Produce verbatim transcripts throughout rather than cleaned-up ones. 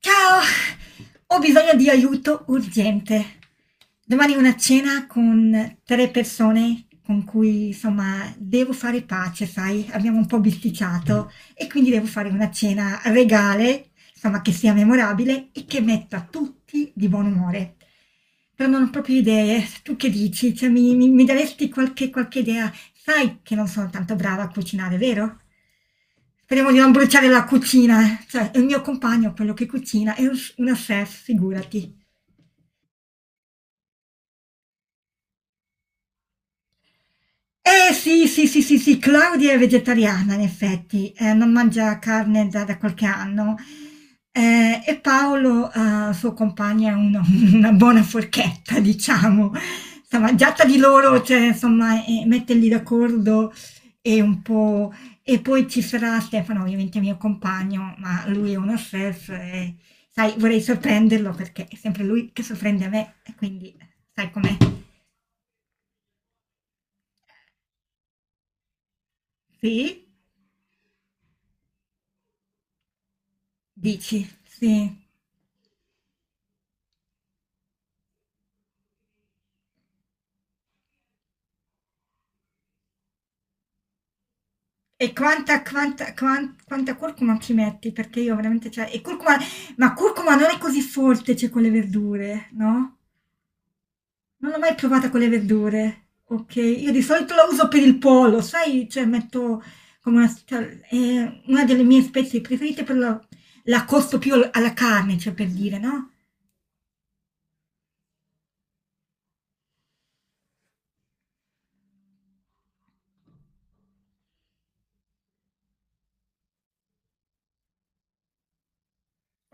Ciao, ho bisogno di aiuto urgente. Domani ho una cena con tre persone con cui, insomma, devo fare pace, sai? Abbiamo un po' bisticciato e quindi devo fare una cena regale, insomma, che sia memorabile e che metta tutti di buon umore. Però non ho proprio idee. Tu che dici? Cioè, mi, mi- mi daresti qualche, qualche idea? Sai che non sono tanto brava a cucinare, vero? Speriamo di non bruciare la cucina, eh. Cioè, il mio compagno, quello che cucina, è un- una chef, figurati. Eh sì, sì, sì, sì, sì, Claudia è vegetariana in effetti, eh, non mangia carne da, da qualche anno. Eh, e Paolo, eh, suo compagno, è uno- una buona forchetta, diciamo. Insomma, già tra di loro, cioè, insomma, eh, metterli d'accordo è un po'. E poi ci sarà Stefano, ovviamente mio compagno, ma lui è uno chef e, sai, vorrei sorprenderlo perché è sempre lui che sorprende me, e quindi sai com'è. Sì? Dici, sì. E quanta, quanta, quan- quanta curcuma ci metti? Perché io veramente, cioè, e curcuma, ma curcuma non è così forte, cioè, con le verdure, no? Non l'ho mai provata con le verdure, ok? Io di solito la uso per il pollo, sai? Cioè, metto come una, cioè, è una delle mie spezie preferite, però la, la costo più al- alla carne, cioè, per dire, no?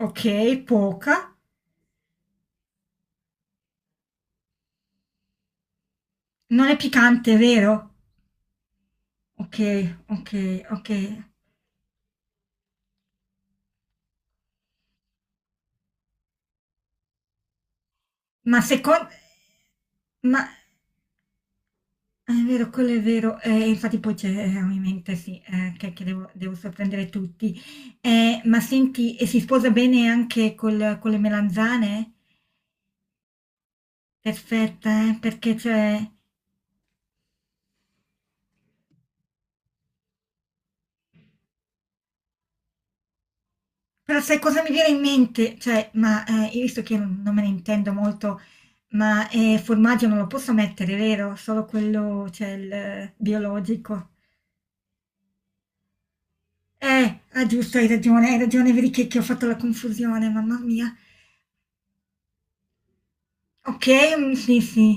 Ok, poca. Non è piccante, vero? Ok, ok, ok. Ma secondo. Ma, ah, è vero, quello è vero, eh, infatti poi c'è eh, ovviamente sì, eh, che, che devo, devo sorprendere tutti. Eh, ma senti, e si sposa bene anche col- con le melanzane? Perfetta, eh, perché cioè. Però sai cosa mi viene in mente? Cioè, ma eh, io visto che non, non me ne intendo molto, ma eh, formaggio non lo posso mettere, vero? Solo quello, cioè il eh, biologico. Eh, ah, giusto, hai ragione, hai ragione, vedi che, che ho fatto la confusione, mamma mia. Ok, mm, sì, sì.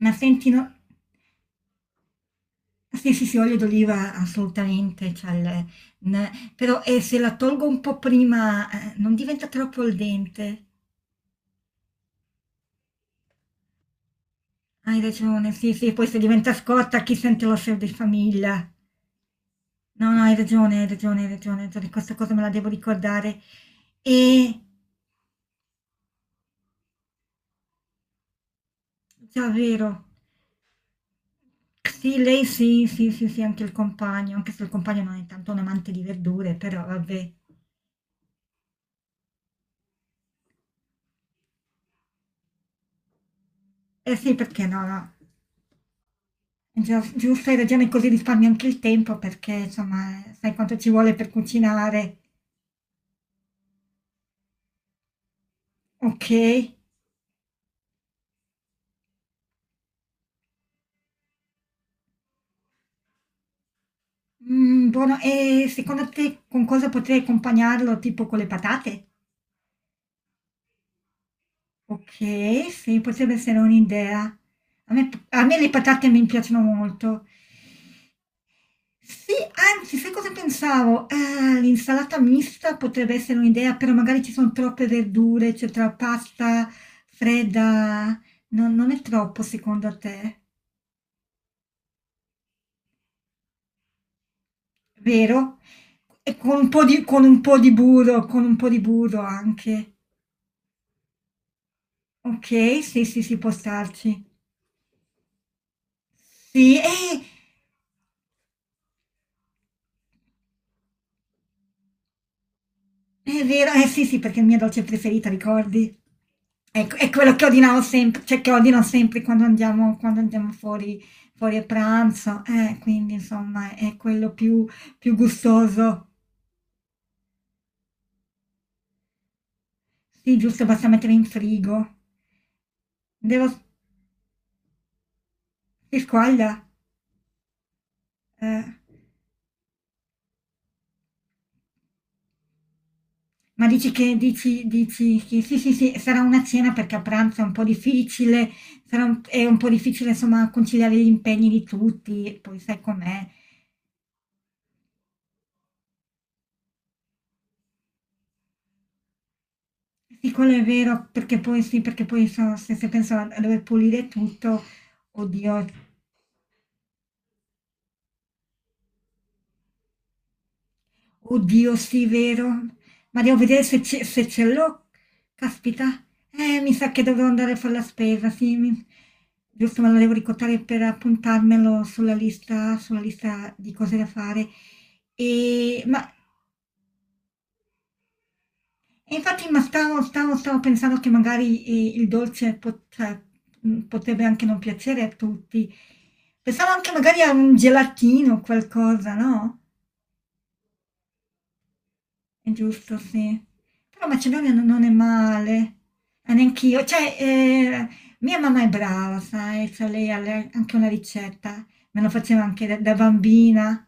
Ma senti, no sì, sì, sì, olio d'oliva assolutamente, c'ha il n però, ehm, se la tolgo un po' prima, ehm, non diventa troppo al dente. Hai ragione, sì, sì, poi se diventa scotta chi sente l'osso di famiglia. No, no, hai ragione, hai ragione, hai ragione, hai ragione, questa cosa me la devo ricordare. E già vero. Sì, lei sì, sì, sì, sì, anche il compagno, anche se il compagno non è tanto un amante di verdure, però vabbè. Eh sì, perché no, no. Gia giusto, hai ragione, così risparmi anche il tempo perché, insomma, sai quanto ci vuole per cucinare. Okay. Mhmm, buono. E secondo te con cosa potrei accompagnarlo? Tipo con le patate? Okay, sì, potrebbe essere un'idea. A me p a me le patate mi piacciono molto. Sì, anzi, sai cosa pensavo? Ehm, l'insalata mista potrebbe essere un'idea, però magari ci son troppe verdure, cioè tra pasta fredda non non è troppo secondo te? Vero? E con un po' di con un po' di burro con un po' di burro anche. Okay, sì, sì, sì, può starci. Sì, eh, è vero, eh sì, sì, perché è la mia dolce preferita, ricordi? Ecco, è quello che ordinavo sempre cioè che ordino sempre quando andiamo quando andiamo fuori fuori a pranzo, eh, quindi insomma è quello più più gustoso. Sì, giusto, basta mettere in frigo. Devo Si squaglia? Eh. Ma dici che, dici, dici che sì, sì, sì, sarà una cena perché a pranzo è un po' difficile, sarà un- è un po' difficile insomma conciliare gli impegni di tutti, poi sai com'è. Sì, quello è vero, perché poi sì, perché poi so- se, se penso a, a dover pulire tutto, oddio. Oddio, sì, vero? Ma devo vedere se ce, se ce l'ho. Caspita. Eh, mi sa che dovrò andare a fare la spesa, sì. mi- Giusto, me lo devo ricordare per appuntarmelo sulla lista, sulla lista di cose da fare. E, ma, e infatti, ma stavo, stavo- stavo pensando che magari eh, il dolce pot- cioè, mh, potrebbe anche non piacere a tutti. Pensavo anche magari a un gelatino, qualcosa, no? È giusto, sì. Però Macedonia non non è male. Eh, neanch'io. Cioè, eh, mia mamma è brava, sai, cioè lei ha le- anche una ricetta, me lo faceva anche da, da bambina.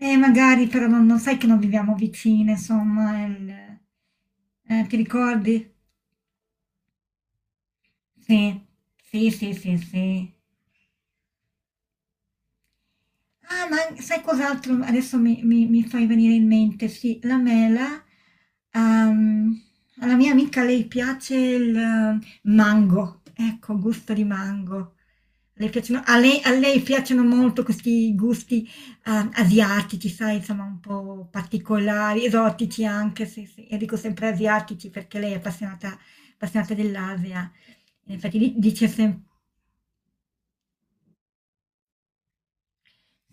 E magari però non, non sai che non viviamo vicine, insomma, il- eh, ti ricordi? Sì, sì, sì, sì, sì. Ah, ma sai cos'altro adesso mi, mi- mi fai venire in mente? Sì, la mela. ehm, alla mia amica lei piace il eh, mango, ecco, gusto di mango. Le piacciono- a lei, a lei piacciono molto questi gusti eh, asiatici, sai, insomma, un po' particolari, esotici anche, sì, sì. Io dico sempre asiatici perché lei è appassionata, appassionata dell'Asia. In effetti di- dice sempre.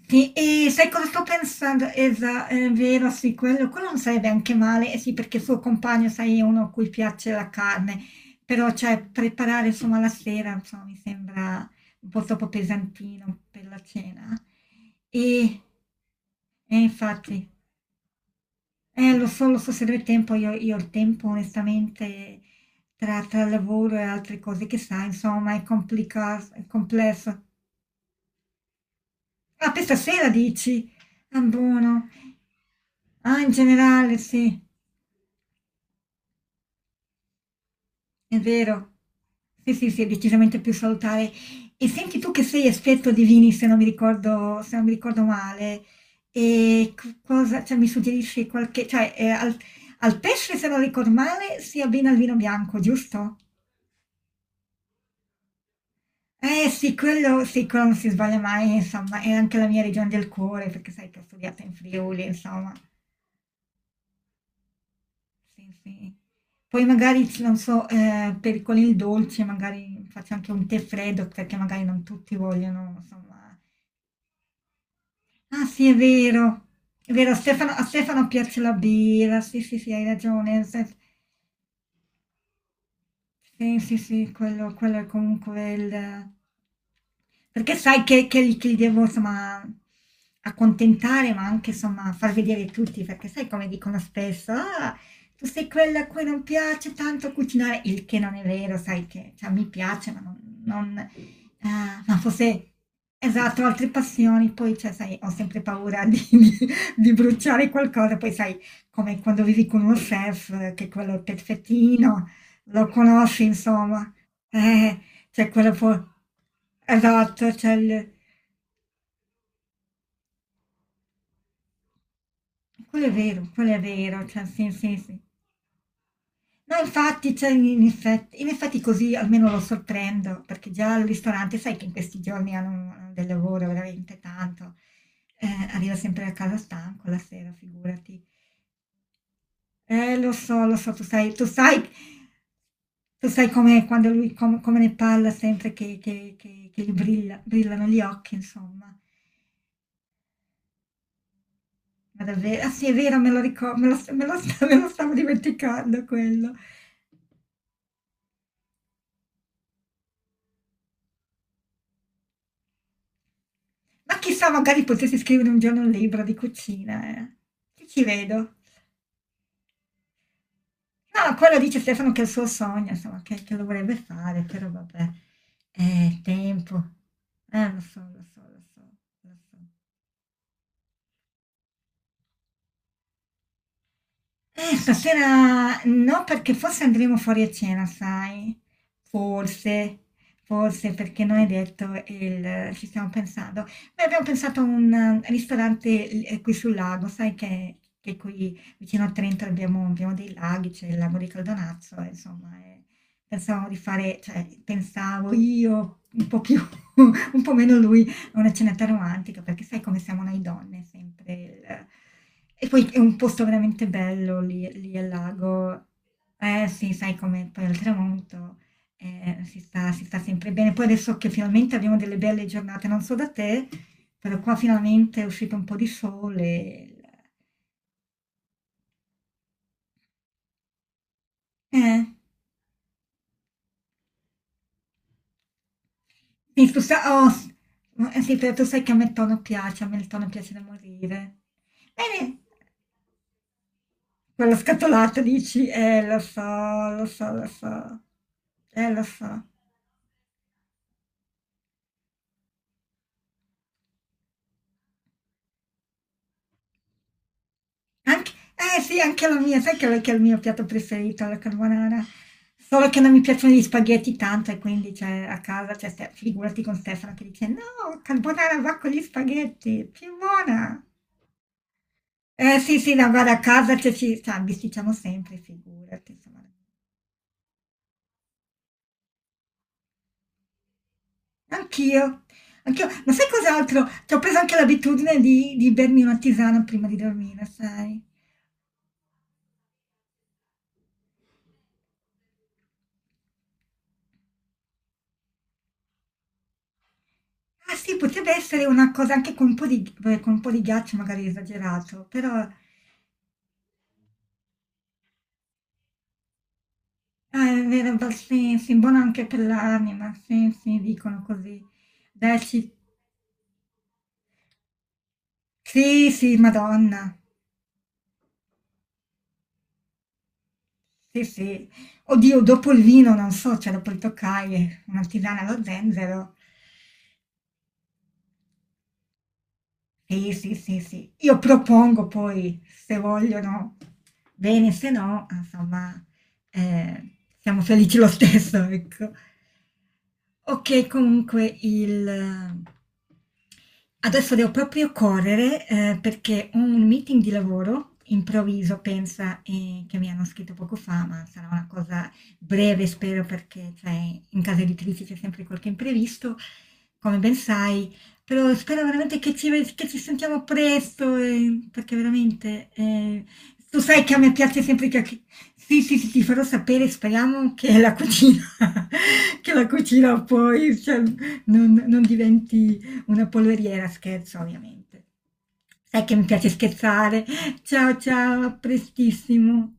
Sì, e sai cosa sto pensando? Esa, è vero, sì, quello, quello non sarebbe anche male, eh sì, perché il suo compagno, sai, è uno a cui piace la carne, però cioè preparare insomma la sera, insomma, mi sembra un po' troppo pesantino per la cena. E, e infatti. Eh, lo so, lo so, se avrei tempo, io, io ho il tempo onestamente tra, tra lavoro e altre cose che sai, insomma, è complica- è complesso. Ah, per stasera dici? Ah, buono. Ah, in generale, sì, è vero. Sì, sì, sì, è decisamente più salutare. E senti tu che sei esperto di vini, se non mi ricordo, se non mi ricordo male, e co- cosa, cioè, mi suggerisci qualche, cioè, eh, al, al pesce, se non ricordo male, si abbina il vino bianco, giusto? Eh sì, quello, sì, quello non si sbaglia mai, insomma, è anche la mia regione del cuore, perché sai che ho studiato in Friuli, insomma. Sì, sì. Poi magari, c- non so, eh, per, con il dolce magari faccio anche un tè freddo perché magari non tutti vogliono, insomma. Ah sì, è vero, è vero, a Stefano, a Stefano piace la birra, sì, sì, sì, hai ragione. Stef- Sì, sì, sì, quello quello è comunque il perché sai che che li che li devo insomma accontentare, ma anche insomma far vedere tutti, perché sai come dicono spesso: "Ah, tu sei quella a cui non piace tanto cucinare", il che non è vero, sai che cioè mi piace, ma non non ehm, ma forse esatto, ho altre passioni, poi cioè sai, ho sempre paura di di di bruciare qualcosa, poi sai, come quando vivi con uno chef eh, che quello è quello perfettino, lo conosci, insomma. Eh, c'è quello po- Esatto, c'è il. Quello è vero, quello è vero, cioè, sì, sì, sì. No, infatti, cioè, in in effetti, in effetti così almeno lo sorprendo, perché già al ristorante, sai che in questi giorni hanno, hanno del lavoro veramente tanto. Eh, arriva sempre a casa stanco la sera, figurati. Eh, lo so, lo so, tu sai, tu sai, tu sai com'è quando lui, com- come ne parla sempre che, che, che, che gli brilla- brillano gli occhi, insomma. Ma davvero? Ah sì, è vero, me lo ricordo, me lo, st- me lo st- me lo stavo dimenticando quello. Ma chissà, magari potessi scrivere un giorno un libro di cucina, eh. Ci ci vedo. No, quello dice Stefano che è il suo sogno, insomma, che, che lo vorrebbe fare, però vabbè, è tempo. Eh, lo so, lo so, lo so, lo so. Eh, stasera no, perché forse andremo fuori a cena, sai? Forse, forse perché non è detto, il- ci stiamo pensando. Beh, abbiamo pensato a un eh, ristorante eh, qui sul lago, sai che, che qui vicino a Trento abbiamo, abbiamo dei laghi, c'è il lago di Caldonazzo, e insomma, eh, pensavamo di fare, cioè, pensavo io un po' più, un po' meno lui una cenetta romantica, perché sai come siamo noi donne, sempre il e poi è un posto veramente bello lì lì al lago. Eh sì, sai com'è, poi al tramonto, ehm, si sta si sta sempre bene. Poi adesso che finalmente abbiamo delle belle giornate, non so da te, però qua finalmente è uscito un po' di sole, il eh, sì tu sa oh s ma, eh sì, però tu sai che a me il tono piace, a me il tono piace da morire. Bene. Quella scatolata dici, eh, lo so, lo so, lo so, eh, lo so. Anche, eh sì, anche la mia, sai che che è il mio piatto preferito, la carbonara. Solo che non mi piacciono gli spaghetti tanto e quindi cioè, a casa, cioè, Ste- figurati con Stefano che dice, no, carbonara va con gli spaghetti, più buona. Eh sì, sì, no, guarda, a casa cioè, ci cioè, bisticciamo sempre, figurati, insomma. Anch'io, anch'io, ma sai cos'altro? Cioè, ho preso anche l'abitudine di, di bermi una tisana prima di dormire, sai? Ah sì, potrebbe essere una cosa anche con un po' di beh, con un po' di ghiaccio magari è esagerato, però ah, è vero, va- sì, sì, buono anche per l'anima, sì, sì, dicono così. Dai, ci- sì, sì, Madonna, sì, sì. Oddio, dopo il vino, non so, cioè dopo il toccaie, una tisana allo zenzero. Sì, sì, sì, sì. Io propongo poi, se vogliono, bene, se no, insomma, eh, siamo felici lo stesso, ecco. Ok, comunque il. Adesso devo proprio correre eh, perché ho un meeting di lavoro improvviso, pensa, eh, che mi hanno scritto poco fa, ma sarà una cosa breve, spero, perché cioè, in casa editrice c'è sempre qualche imprevisto. Come ben sai, però spero veramente che ci, che ci sentiamo presto, eh, perché veramente, eh, tu sai che a me piace sempre che... che- Sì, sì, sì, ti farò sapere, speriamo che la cucina, che la cucina poi, cioè, non, non diventi una polveriera, scherzo ovviamente. Sai che mi piace scherzare. Ciao, ciao, a prestissimo.